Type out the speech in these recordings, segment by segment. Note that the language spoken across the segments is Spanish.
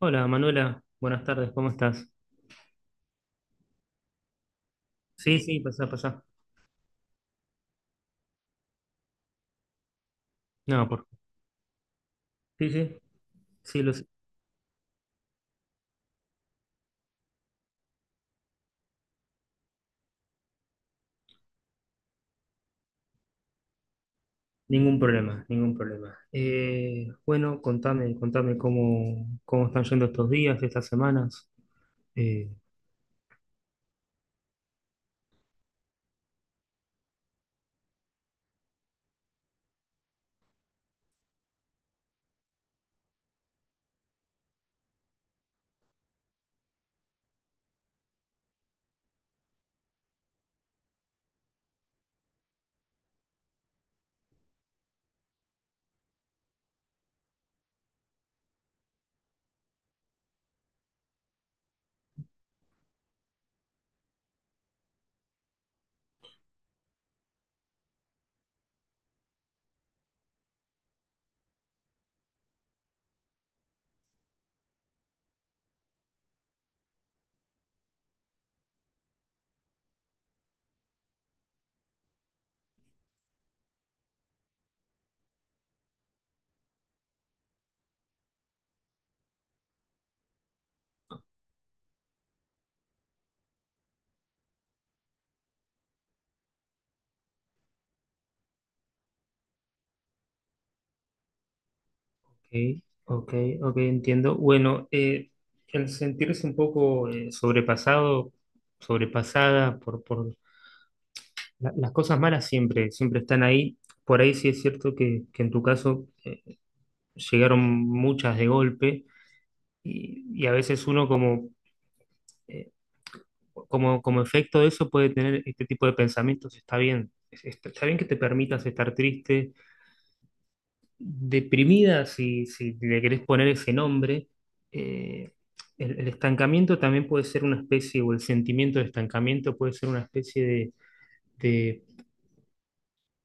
Hola Manuela, buenas tardes, ¿cómo estás? Sí, sí, pasá, pasá. No. Sí, sí, sí, lo sé. Ningún problema, ningún problema. Bueno, contame cómo están yendo estos días, estas semanas. Eh, ok, ok, ok, entiendo. Bueno, el sentirse un poco sobrepasada por las cosas malas siempre, siempre están ahí. Por ahí sí es cierto que en tu caso llegaron muchas de golpe. Y a veces uno eh, como efecto de eso puede tener este tipo de pensamientos. Está bien. Está bien que te permitas estar triste, deprimida, si le querés poner ese nombre. Eh, el estancamiento también puede ser una especie, o el sentimiento de estancamiento puede ser una especie de,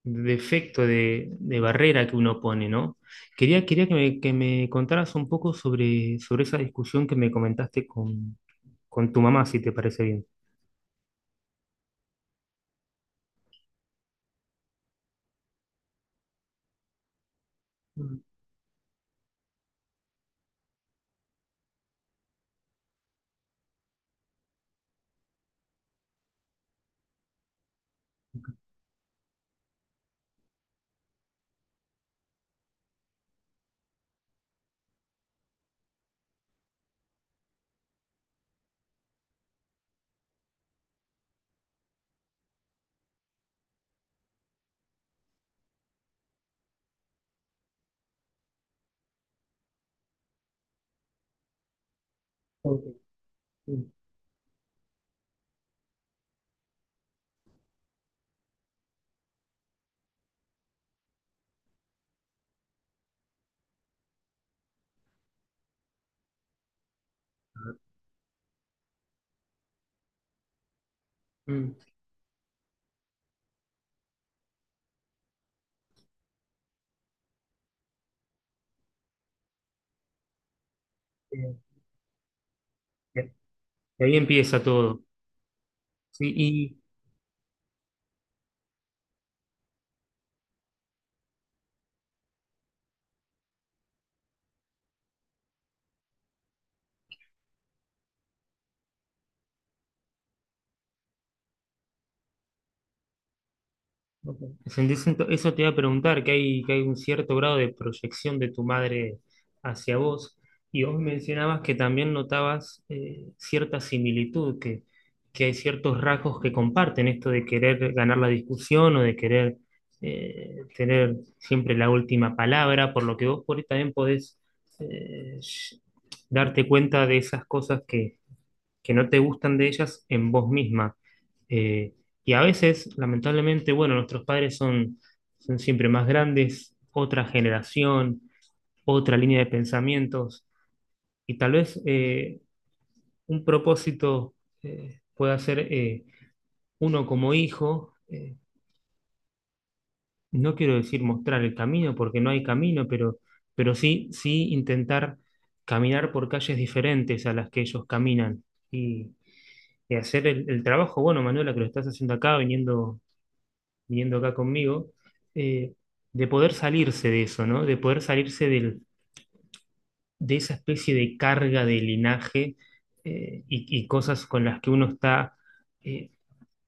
de efecto, de barrera que uno pone, ¿no? Quería que me contaras un poco sobre esa discusión que me comentaste con tu mamá, si te parece bien. Ok, sí, mm, eh, bien. Y ahí empieza todo. Sí, y ok. Sentís eso te iba a preguntar, que hay un cierto grado de proyección de tu madre hacia vos. Y vos mencionabas que también notabas cierta similitud, que hay ciertos rasgos que comparten, esto de querer ganar la discusión o de querer tener siempre la última palabra, por lo que vos por ahí también podés eh, sh- darte cuenta de esas cosas que no te gustan de ellas en vos misma. Eh, y a veces, lamentablemente, bueno, nuestros padres son siempre más grandes, otra generación, otra línea de pensamientos, y tal vez un propósito pueda ser uno como hijo, no quiero decir mostrar el camino, porque no hay camino, pero sí, sí intentar caminar por calles diferentes a las que ellos caminan. Y, que hacer el trabajo, bueno, Manuela, que lo estás haciendo acá, viniendo acá conmigo, eh, de poder salirse de eso, ¿no? De poder salirse de esa especie de carga de linaje y cosas con las que uno está, eh,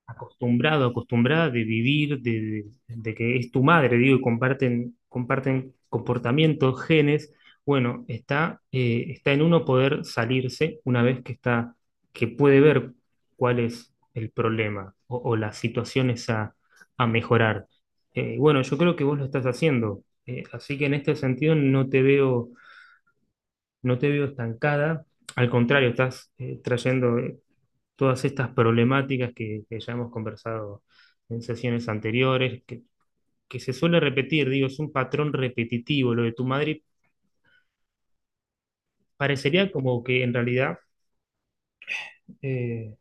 acostumbrada de vivir, de que es tu madre, digo, y comparten comportamientos, genes, bueno, está en uno poder salirse una vez que está, que puede ver cuál es el problema o las situaciones a mejorar. Bueno, yo creo que vos lo estás haciendo, así que en este sentido no te veo estancada, al contrario, estás trayendo todas estas problemáticas que ya hemos conversado en sesiones anteriores, que se suele repetir, digo, es un patrón repetitivo lo de tu madre, y parecería como que en realidad, eh,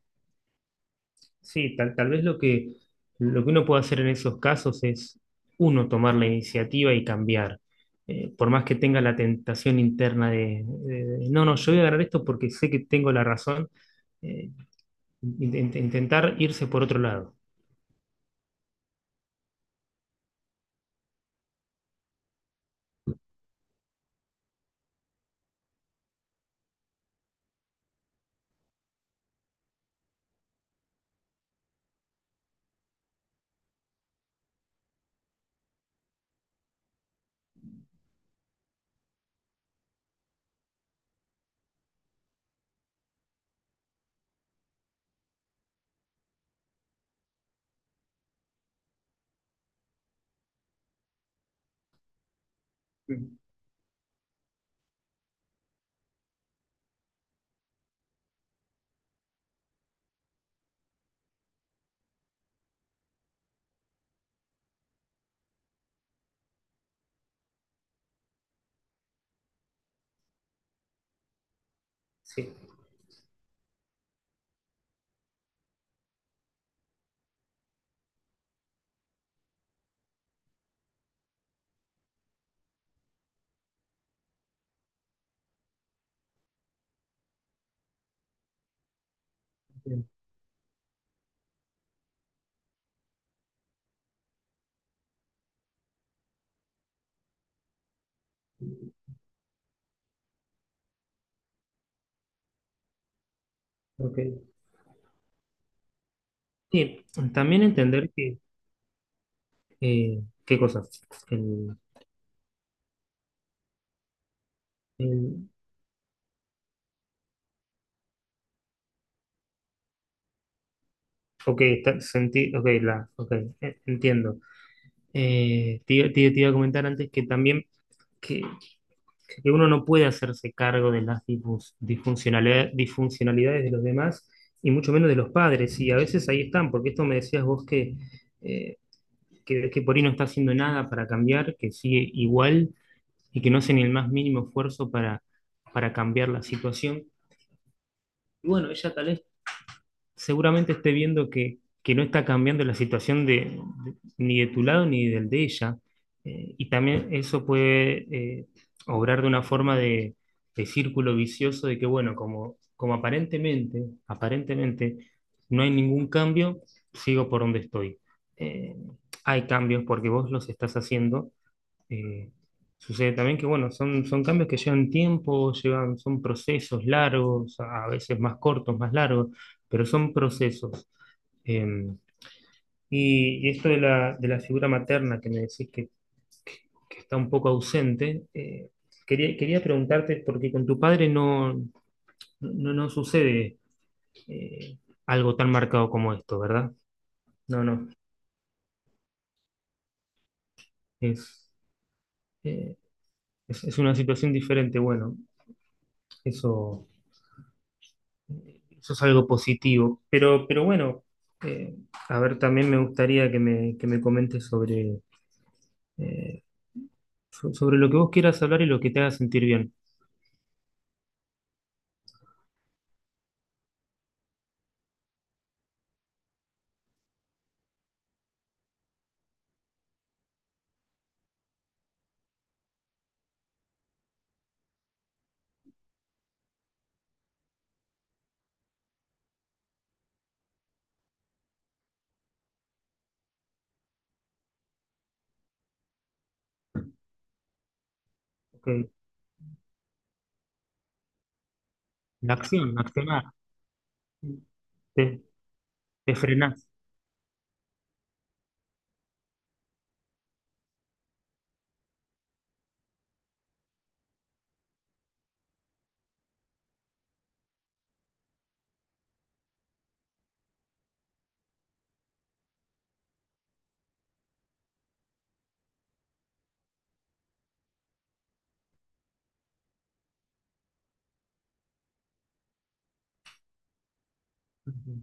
sí, tal vez lo que uno puede hacer en esos casos es uno tomar la iniciativa y cambiar. Por más que tenga la tentación interna no, no, yo voy a ganar esto porque sé que tengo la razón, eh, intentar irse por otro lado. Mm, sí, bien, ok. Sí, también entender qué cosas. El, el- ok, ok, ok, entiendo. Te iba a comentar antes que también que, que uno no puede hacerse cargo de las disfuncionalidades de los demás y mucho menos de los padres. Y a veces ahí están, porque esto me decías vos eh, que por ahí no está haciendo nada para cambiar, que sigue igual y que no hace ni el más mínimo esfuerzo para cambiar la situación. Y bueno, ella tal vez seguramente esté viendo que no está cambiando la situación ni de tu lado ni del de ella. Y también eso puede eh, obrar de una forma de círculo vicioso de que, bueno, como aparentemente no hay ningún cambio, sigo por donde estoy. Eh, Hay cambios porque vos los estás haciendo eh, sucede también que, bueno, son cambios que llevan tiempo, llevan, son procesos largos, a veces más cortos, más largos, pero son procesos. Eh, y esto de la figura materna que me decís que está un poco ausente, quería preguntarte, porque con tu padre no sucede eh, algo tan marcado como esto, ¿verdad? No, no, es, eh, es una situación diferente. Bueno, eso... eso es algo positivo. Pero bueno, eh, a ver, también me gustaría que me comentes eh, sobre lo que vos quieras hablar y lo que te haga sentir bien. Ok. La acción, accionar. Te, te frenás. Ujú.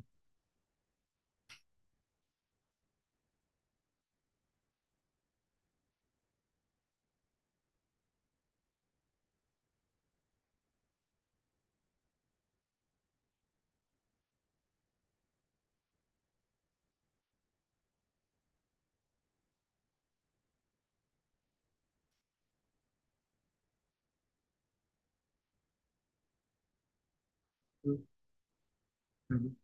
Ujú.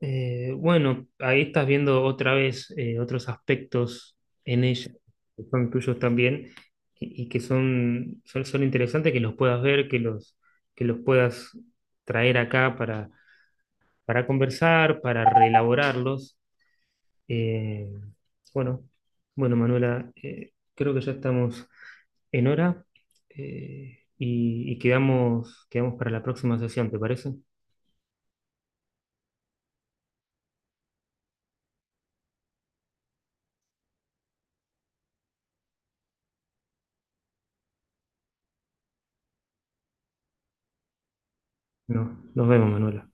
Bueno, ahí estás viendo otra vez otros aspectos en ella que son tuyos también y que son interesantes que los puedas ver, que los puedas traer acá para conversar, para reelaborarlos. Eh, bueno, bueno, Manuela, creo que ya estamos en hora y quedamos para la próxima sesión, ¿te parece? No, nos vemos, Manuela.